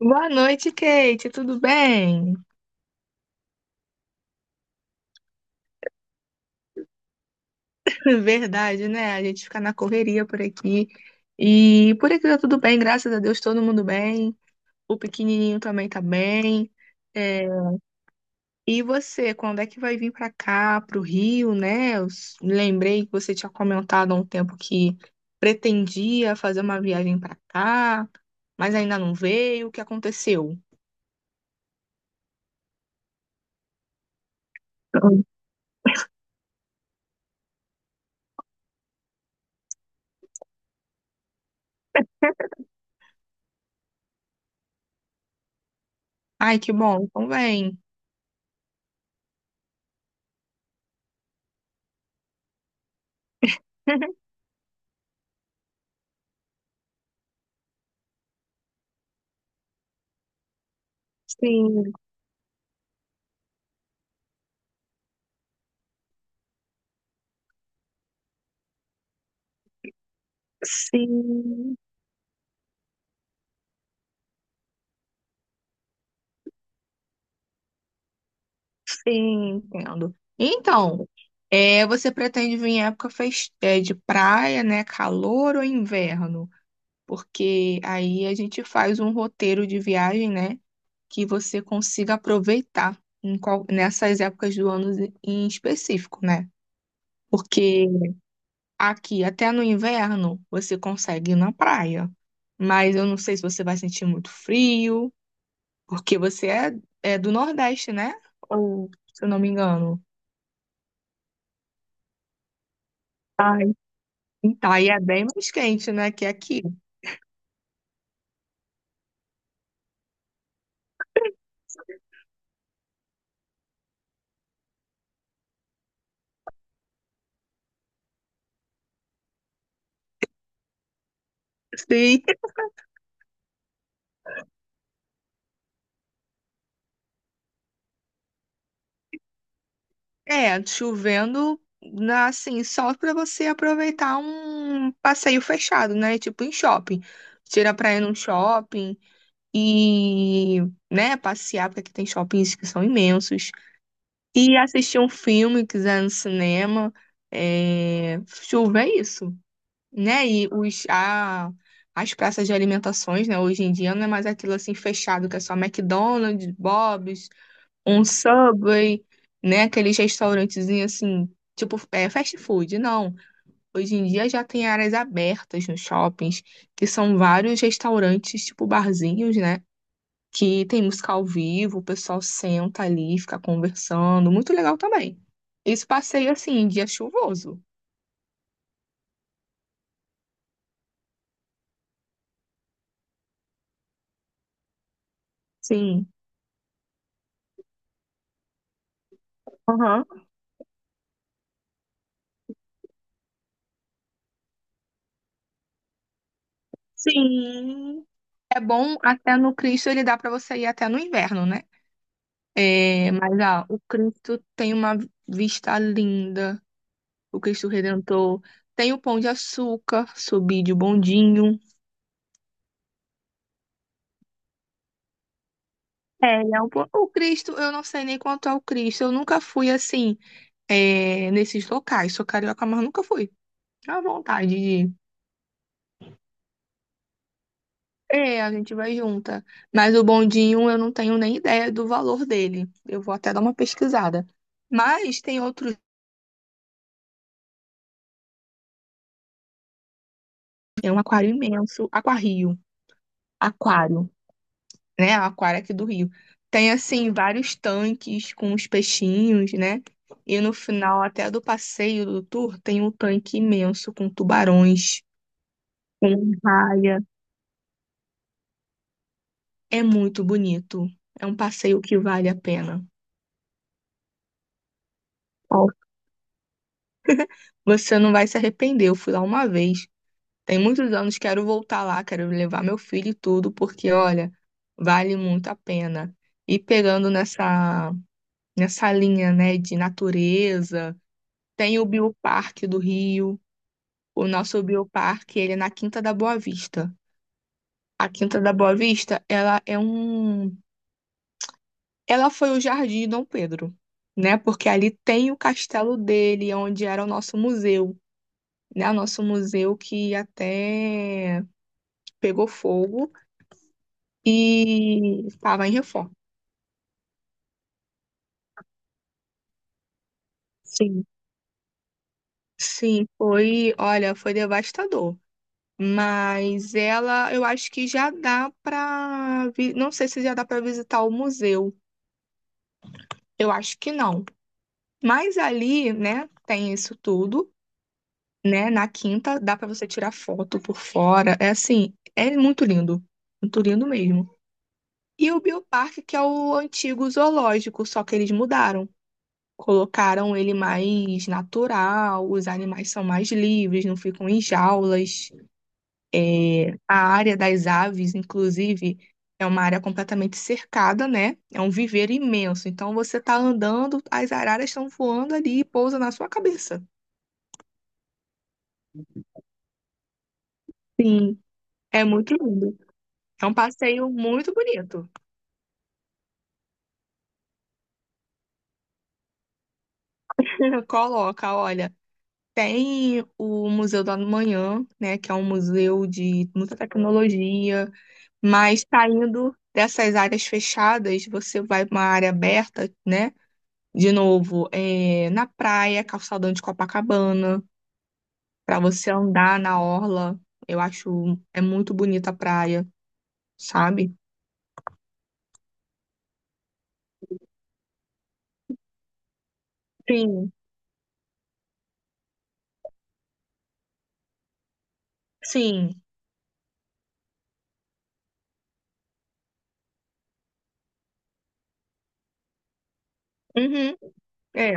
Boa noite, Kate. Tudo bem? Verdade, né? A gente fica na correria por aqui. E por aqui tá tudo bem, graças a Deus, todo mundo bem. O pequenininho também tá bem. É. E você, quando é que vai vir pra cá, pro Rio, né? Eu lembrei que você tinha comentado há um tempo que pretendia fazer uma viagem pra cá, mas ainda não veio. O que aconteceu? Ai, que bom. Então vem. Sim, sim. Sim, entendo. Então, é, você pretende vir em época de praia, né? Calor ou inverno? Porque aí a gente faz um roteiro de viagem, né, que você consiga aproveitar em nessas épocas do ano em específico, né? Porque aqui, até no inverno, você consegue ir na praia. Mas eu não sei se você vai sentir muito frio, porque você é do Nordeste, né? Ou, se eu não me engano. Então, aí é bem mais quente, né, que aqui. Sim. É, chovendo, assim, só para você aproveitar um passeio fechado, né, tipo em shopping. Tira pra ir num shopping e, né, passear, porque aqui tem shoppings que são imensos. E assistir um filme, quiser, no cinema. É, chuva é isso, né, e os, a, as praças de alimentações, né, hoje em dia não é mais aquilo, assim, fechado, que é só McDonald's, Bob's, um Subway, né? Aqueles restaurantezinhos assim, tipo, é, fast food. Não. Hoje em dia já tem áreas abertas nos shoppings, que são vários restaurantes, tipo barzinhos, né, que tem música ao vivo, o pessoal senta ali, fica conversando. Muito legal também, esse passeio, assim, em dia chuvoso. Sim. Aham. Sim. É bom até no Cristo, ele dá para você ir até no inverno, né? É, mas ah, o Cristo tem uma vista linda. O Cristo Redentor. Tem o Pão de Açúcar, Subide o Bondinho. É, ele é o Cristo. Eu não sei nem quanto é o Cristo. Eu nunca fui assim, é, nesses locais. Sou carioca, mas nunca fui. À vontade de ir. É, a gente vai junta. Mas o bondinho eu não tenho nem ideia do valor dele. Eu vou até dar uma pesquisada. Mas tem outros. Tem um aquário imenso. Aquário. Aquário, né? A Aquária aqui do Rio. Tem, assim, vários tanques com os peixinhos, né? E no final até do passeio do tour tem um tanque imenso com tubarões, com raia. É muito bonito. É um passeio que vale a pena. Ó, você não vai se arrepender. Eu fui lá uma vez. Tem muitos anos. Quero voltar lá, quero levar meu filho e tudo, porque, olha, vale muito a pena. E pegando nessa linha, né, de natureza. Tem o Bioparque do Rio. O nosso Bioparque, ele é na Quinta da Boa Vista. A Quinta da Boa Vista, ela é um... Ela foi o Jardim Dom Pedro, né? Porque ali tem o castelo dele, onde era o nosso museu, né? O nosso museu que até pegou fogo e estava em reforma. Sim. Sim, foi, olha, foi devastador. Mas ela, eu acho que já dá para, não sei se já dá para visitar o museu. Eu acho que não. Mas ali, né, tem isso tudo, né? Na quinta dá pra você tirar foto por fora. É assim, é muito lindo. Muito lindo mesmo. E o Bioparque, que é o antigo zoológico, só que eles mudaram. Colocaram ele mais natural, os animais são mais livres, não ficam em jaulas. É, a área das aves, inclusive, é uma área completamente cercada, né? É um viveiro imenso. Então você está andando, as araras estão voando ali e pousa na sua cabeça. É muito lindo. É um passeio muito bonito. Coloca, olha, tem o Museu do Amanhã, né, que é um museu de muita tecnologia, mas saindo dessas áreas fechadas, você vai para uma área aberta, né? De novo, é, na praia, calçadão de Copacabana, para você andar na orla. Eu acho é muito bonita a praia, sabe? Sim, sim. Uhum, é,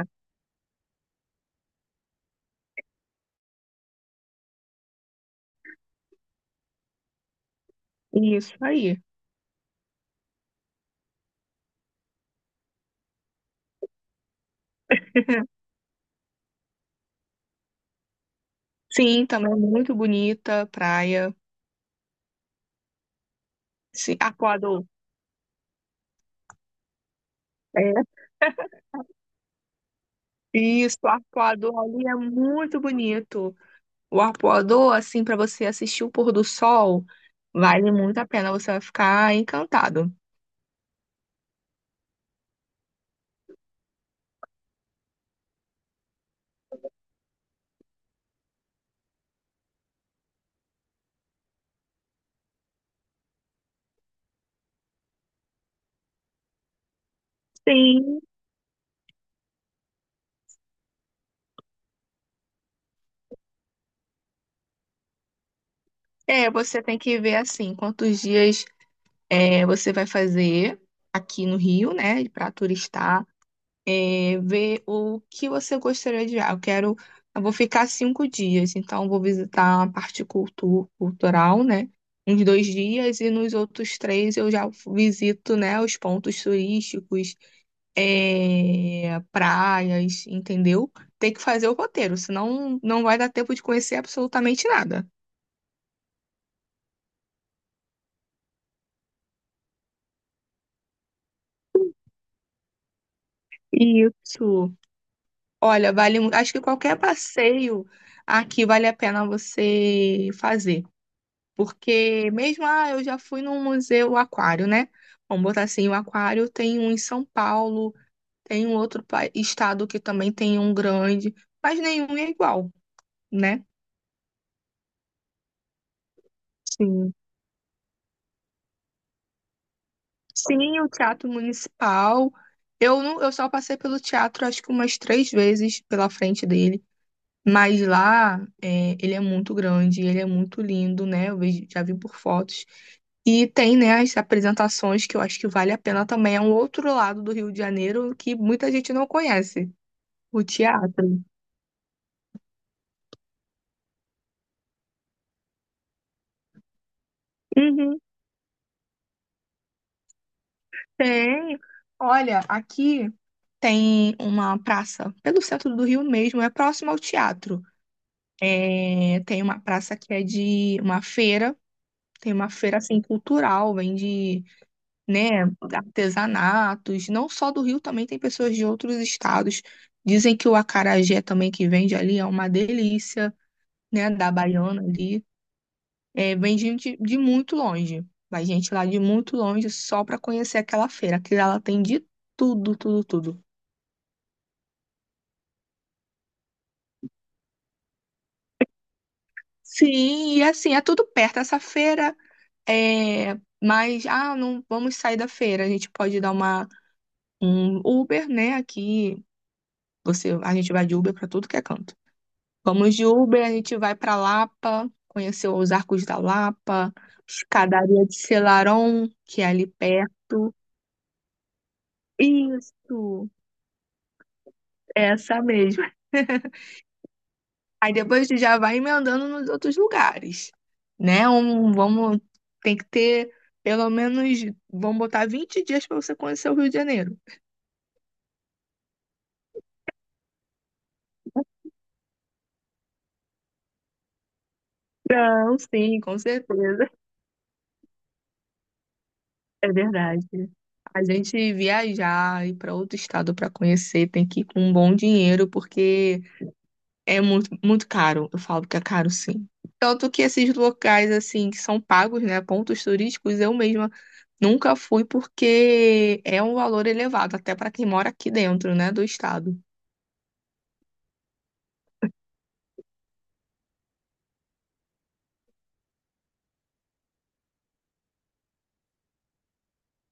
isso aí. Sim, também é muito bonita a praia. Sim, Arpoador. É. Isso, o Arpoador ali é muito bonito. O Arpoador, assim, para você assistir o pôr do sol, vale muito a pena, você vai ficar encantado. Sim, é, você tem que ver assim quantos dias. É, você vai fazer aqui no Rio, né, para turistar, é, ver o que você gostaria de ver. Ah, eu quero, eu vou ficar 5 dias, então vou visitar a parte cultural, né, uns 2 dias e nos outros três eu já visito, né, os pontos turísticos, é, praias, entendeu? Tem que fazer o roteiro, senão não vai dar tempo de conhecer absolutamente nada. Isso. Olha, vale, acho que qualquer passeio aqui vale a pena você fazer, porque mesmo, ah, eu já fui num museu aquário, né? Vamos botar assim, o aquário tem um em São Paulo, tem um outro estado que também tem um grande, mas nenhum é igual, né? Sim. Sim, o Teatro Municipal. Eu não, eu só passei pelo teatro acho que umas três vezes pela frente dele. Mas lá, é, ele é muito grande, ele é muito lindo, né? Eu vejo, já vi por fotos. E tem, né, as apresentações que eu acho que vale a pena também. É um outro lado do Rio de Janeiro que muita gente não conhece, o teatro. Uhum, tem. Olha, aqui tem uma praça pelo centro do Rio mesmo, é próximo ao teatro. É, tem uma praça que é de uma feira, tem uma feira assim cultural, vende, né, artesanatos, não só do Rio, também tem pessoas de outros estados. Dizem que o acarajé também que vende ali é uma delícia, né, da Baiana ali. É, vem gente de muito longe. Vai gente lá de muito longe só para conhecer aquela feira, que ela tem de tudo, tudo, tudo. Sim, e assim, é tudo perto. Essa feira é, mas ah, não vamos sair da feira. A gente pode dar uma um Uber, né, aqui. Você, a gente vai de Uber para tudo que é canto. Vamos de Uber, a gente vai para Lapa, conhecer os Arcos da Lapa, Escadaria de Selarón, que é ali perto. Isso. Essa mesmo. Aí depois tu já vai emendando nos outros lugares, né? Um, vamos, tem que ter pelo menos, vamos botar 20 dias para você conhecer o Rio de Janeiro. Não, sim, com certeza. É verdade. A gente viajar, ir para outro estado para conhecer, tem que ir com um bom dinheiro, porque é muito, muito caro. Eu falo que é caro, sim. Tanto que esses locais, assim, que são pagos, né? Pontos turísticos, eu mesma nunca fui porque é um valor elevado, até para quem mora aqui dentro, né? Do estado.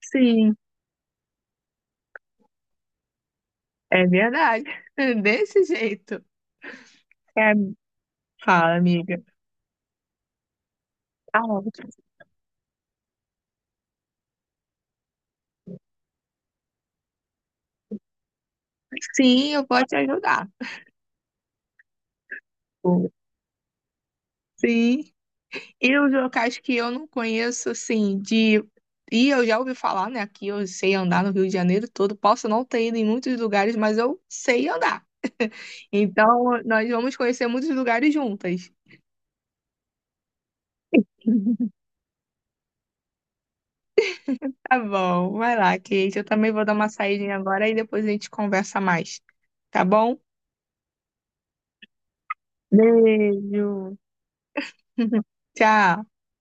Sim, é verdade. Desse jeito. É, fala, amiga. Ah, sim, eu posso te ajudar. Sim. E os locais que eu não conheço, assim, de. E eu já ouvi falar, né? Aqui eu sei andar no Rio de Janeiro todo. Posso não ter ido em muitos lugares, mas eu sei andar. Então, nós vamos conhecer muitos lugares juntas. Tá bom, vai lá, Kate. Eu também vou dar uma saída agora e depois a gente conversa mais. Tá bom? Beijo. Tchau.